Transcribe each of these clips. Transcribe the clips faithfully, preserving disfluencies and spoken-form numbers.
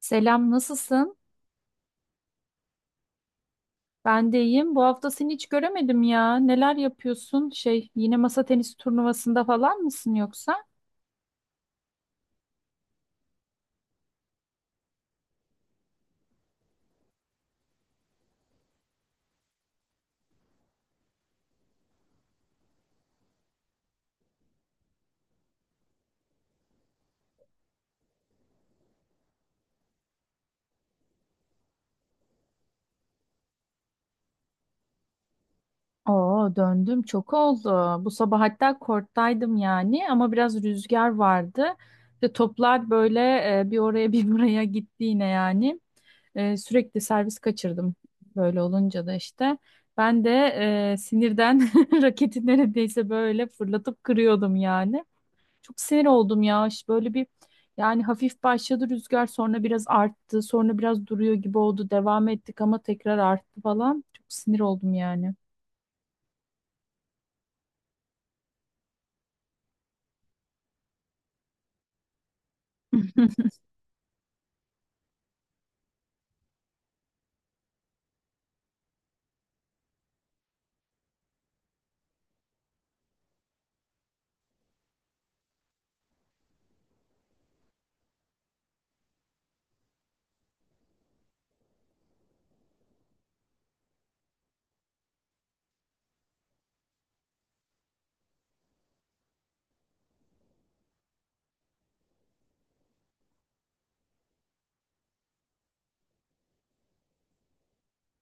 Selam, nasılsın? Ben de iyiyim. Bu hafta seni hiç göremedim ya. Neler yapıyorsun? Şey, yine masa tenisi turnuvasında falan mısın yoksa? Oo, döndüm. Çok oldu. Bu sabah hatta korttaydım yani ama biraz rüzgar vardı. İşte toplar böyle e, bir oraya bir buraya gitti yine yani. E, sürekli servis kaçırdım. Böyle olunca da işte ben de e, sinirden raketi neredeyse böyle fırlatıp kırıyordum yani. Çok sinir oldum ya. İşte böyle bir yani hafif başladı rüzgar, sonra biraz arttı, sonra biraz duruyor gibi oldu. Devam ettik ama tekrar arttı falan. Çok sinir oldum yani.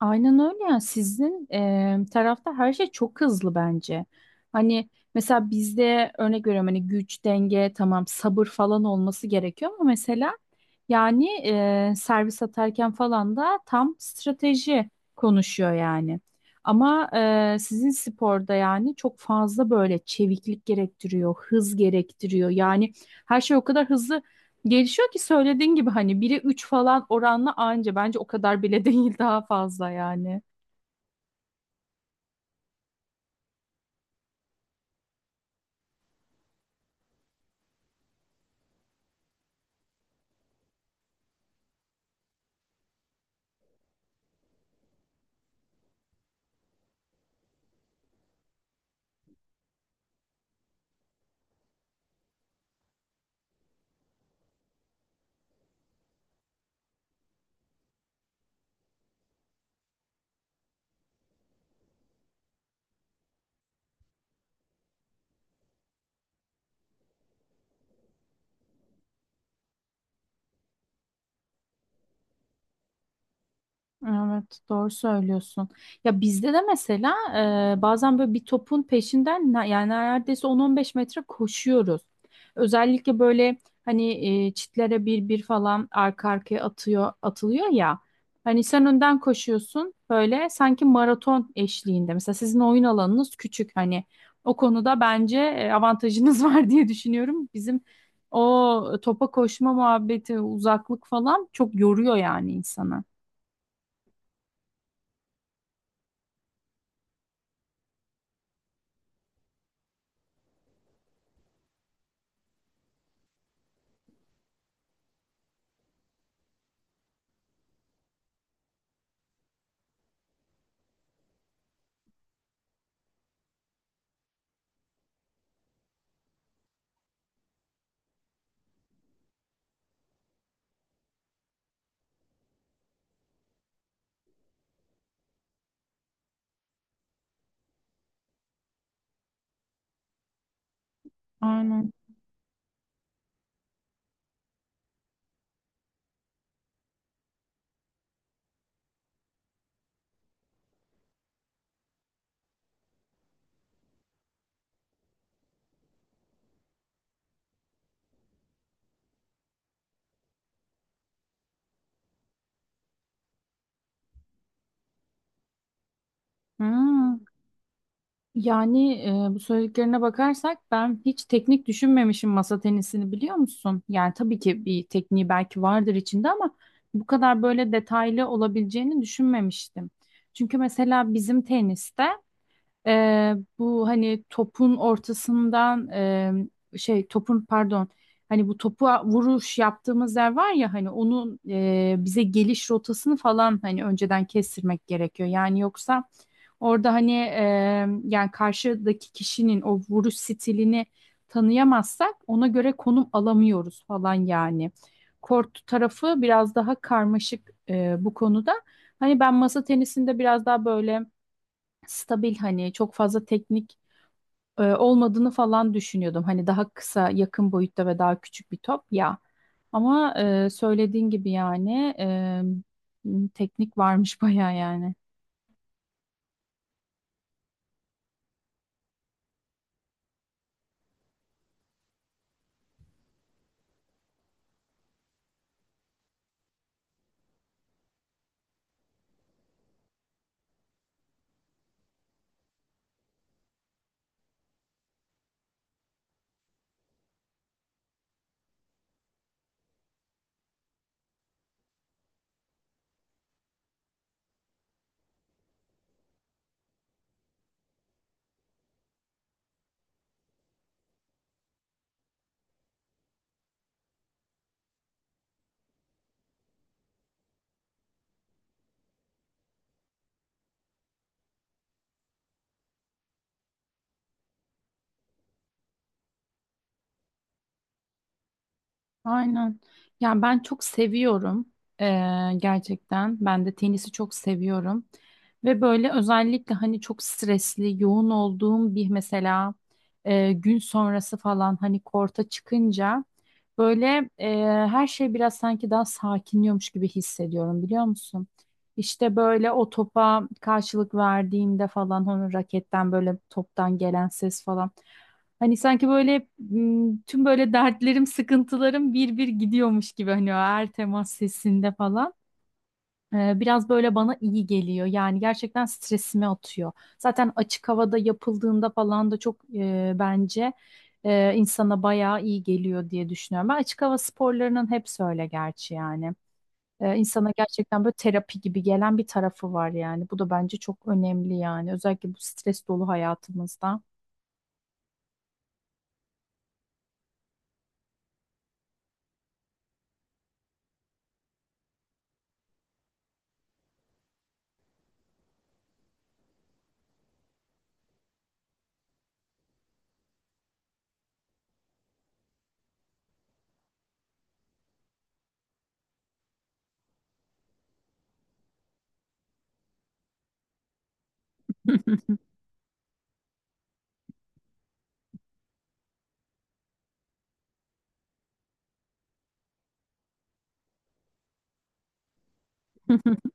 Aynen öyle ya. Sizin e, tarafta her şey çok hızlı bence. Hani mesela bizde örnek veriyorum, hani güç, denge, tamam, sabır falan olması gerekiyor ama mesela yani e, servis atarken falan da tam strateji konuşuyor yani. Ama e, sizin sporda yani çok fazla böyle çeviklik gerektiriyor, hız gerektiriyor. Yani her şey o kadar hızlı gelişiyor ki söylediğin gibi hani bire üç falan oranla anca, bence o kadar bile değil, daha fazla yani. Evet, doğru söylüyorsun. Ya bizde de mesela e, bazen böyle bir topun peşinden ne- yani neredeyse on on beş metre koşuyoruz. Özellikle böyle hani e, çitlere bir bir falan arka arkaya atıyor atılıyor ya. Hani sen önden koşuyorsun böyle sanki maraton eşliğinde. Mesela sizin oyun alanınız küçük, hani o konuda bence e, avantajınız var diye düşünüyorum. Bizim o topa koşma muhabbeti, uzaklık falan çok yoruyor yani insanı. Hmm, Yani e, bu söylediklerine bakarsak ben hiç teknik düşünmemişim masa tenisini, biliyor musun? Yani tabii ki bir tekniği belki vardır içinde ama bu kadar böyle detaylı olabileceğini düşünmemiştim. Çünkü mesela bizim teniste ee, bu hani topun ortasından e, şey topun, pardon, hani bu topu vuruş yaptığımız yer var ya, hani onun e, bize geliş rotasını falan hani önceden kestirmek gerekiyor. Yani yoksa orada hani e, yani karşıdaki kişinin o vuruş stilini tanıyamazsak ona göre konum alamıyoruz falan yani. Kort tarafı biraz daha karmaşık e, bu konuda. Hani ben masa tenisinde biraz daha böyle stabil, hani çok fazla teknik e, olmadığını falan düşünüyordum. Hani daha kısa, yakın boyutta ve daha küçük bir top ya. Ama e, söylediğin gibi yani e, teknik varmış bayağı yani. Aynen. Ya ben çok seviyorum eee, gerçekten. Ben de tenisi çok seviyorum. Ve böyle özellikle hani çok stresli, yoğun olduğum bir mesela eee, gün sonrası falan hani korta çıkınca böyle eee, her şey biraz sanki daha sakinliyormuş gibi hissediyorum, biliyor musun? İşte böyle o topa karşılık verdiğimde falan onun raketten böyle toptan gelen ses falan. Hani sanki böyle m, tüm böyle dertlerim, sıkıntılarım bir bir gidiyormuş gibi hani o her temas sesinde falan. Ee, biraz böyle bana iyi geliyor. Yani gerçekten stresimi atıyor. Zaten açık havada yapıldığında falan da çok e, bence e, insana bayağı iyi geliyor diye düşünüyorum. Ben açık hava sporlarının hepsi öyle gerçi yani e, insana gerçekten böyle terapi gibi gelen bir tarafı var yani. Bu da bence çok önemli yani. Özellikle bu stres dolu hayatımızda.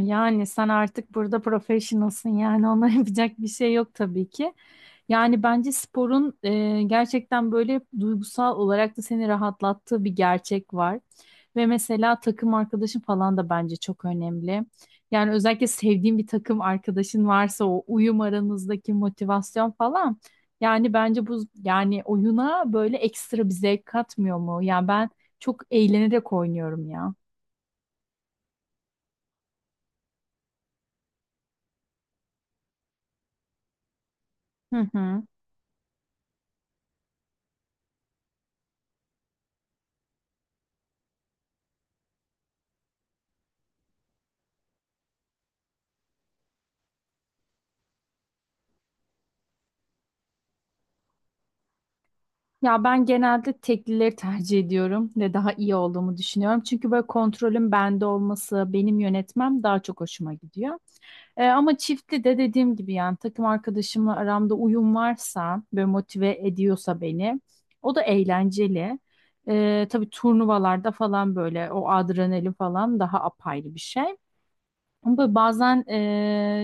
Yani sen artık burada professionalsın yani ona yapacak bir şey yok tabii ki. Yani bence sporun e, gerçekten böyle duygusal olarak da seni rahatlattığı bir gerçek var. Ve mesela takım arkadaşın falan da bence çok önemli. Yani özellikle sevdiğin bir takım arkadaşın varsa o uyum, aranızdaki motivasyon falan. Yani bence bu yani oyuna böyle ekstra bir zevk katmıyor mu? Yani ben çok eğlenerek oynuyorum ya. Hı hı. Ya ben genelde teklileri tercih ediyorum ve daha iyi olduğumu düşünüyorum. Çünkü böyle kontrolün bende olması, benim yönetmem daha çok hoşuma gidiyor. Ee, ama çiftli de dediğim gibi yani takım arkadaşımla aramda uyum varsa ve motive ediyorsa beni, o da eğlenceli. Ee, tabii turnuvalarda falan böyle o adrenalin falan daha apayrı bir şey. Ama bazen ee,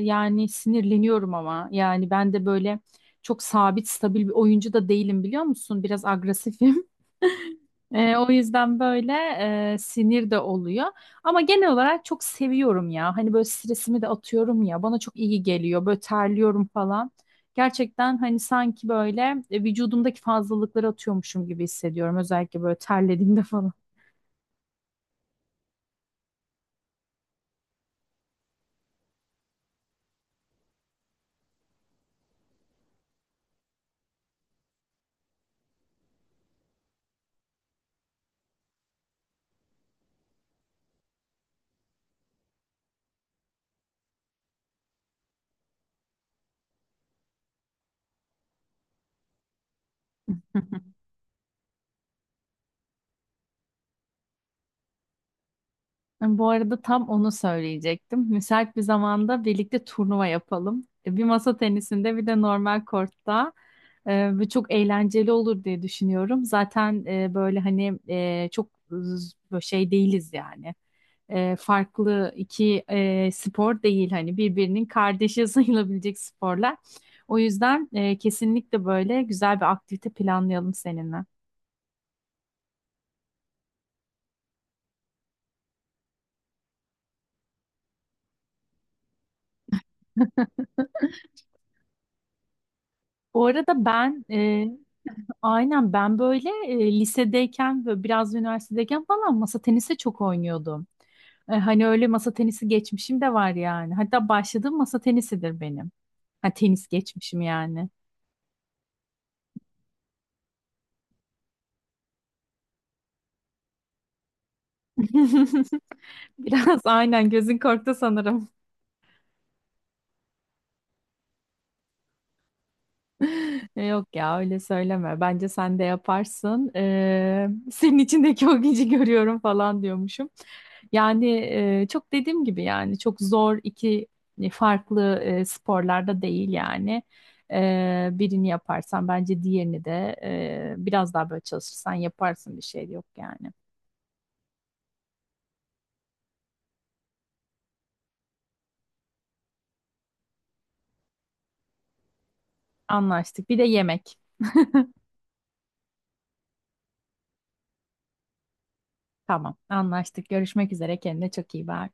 yani sinirleniyorum ama yani ben de böyle çok sabit, stabil bir oyuncu da değilim, biliyor musun? Biraz agresifim. E, o yüzden böyle e, sinir de oluyor. Ama genel olarak çok seviyorum ya. Hani böyle stresimi de atıyorum ya. Bana çok iyi geliyor. Böyle terliyorum falan. Gerçekten hani sanki böyle e, vücudumdaki fazlalıkları atıyormuşum gibi hissediyorum. Özellikle böyle terlediğimde falan. Bu arada tam onu söyleyecektim. Müsait bir zamanda birlikte turnuva yapalım. E, Bir masa tenisinde, bir de normal kortta. Ee, ve çok eğlenceli olur diye düşünüyorum. Zaten e, böyle hani e, çok z- böyle şey değiliz yani. E, farklı iki e, spor değil, hani birbirinin kardeşi sayılabilecek sporlar. O yüzden e, kesinlikle böyle güzel bir aktivite planlayalım seninle. Bu arada ben e, Aynen, ben böyle e, lisedeyken ve biraz da üniversitedeyken falan masa tenisi çok oynuyordum. E, hani öyle masa tenisi geçmişim de var yani. Hatta başladığım masa tenisidir benim. Ha, tenis geçmişim yani. Biraz aynen gözün korktu sanırım. Yok ya, öyle söyleme. Bence sen de yaparsın. Ee, senin içindeki o gücü görüyorum falan diyormuşum. Yani e, çok dediğim gibi yani çok zor iki e, farklı e, sporlarda değil yani. Ee, birini yaparsan bence diğerini de e, biraz daha böyle çalışırsan yaparsın, bir şey yok yani. Anlaştık. Bir de yemek. Tamam, anlaştık. Görüşmek üzere. Kendine çok iyi bak.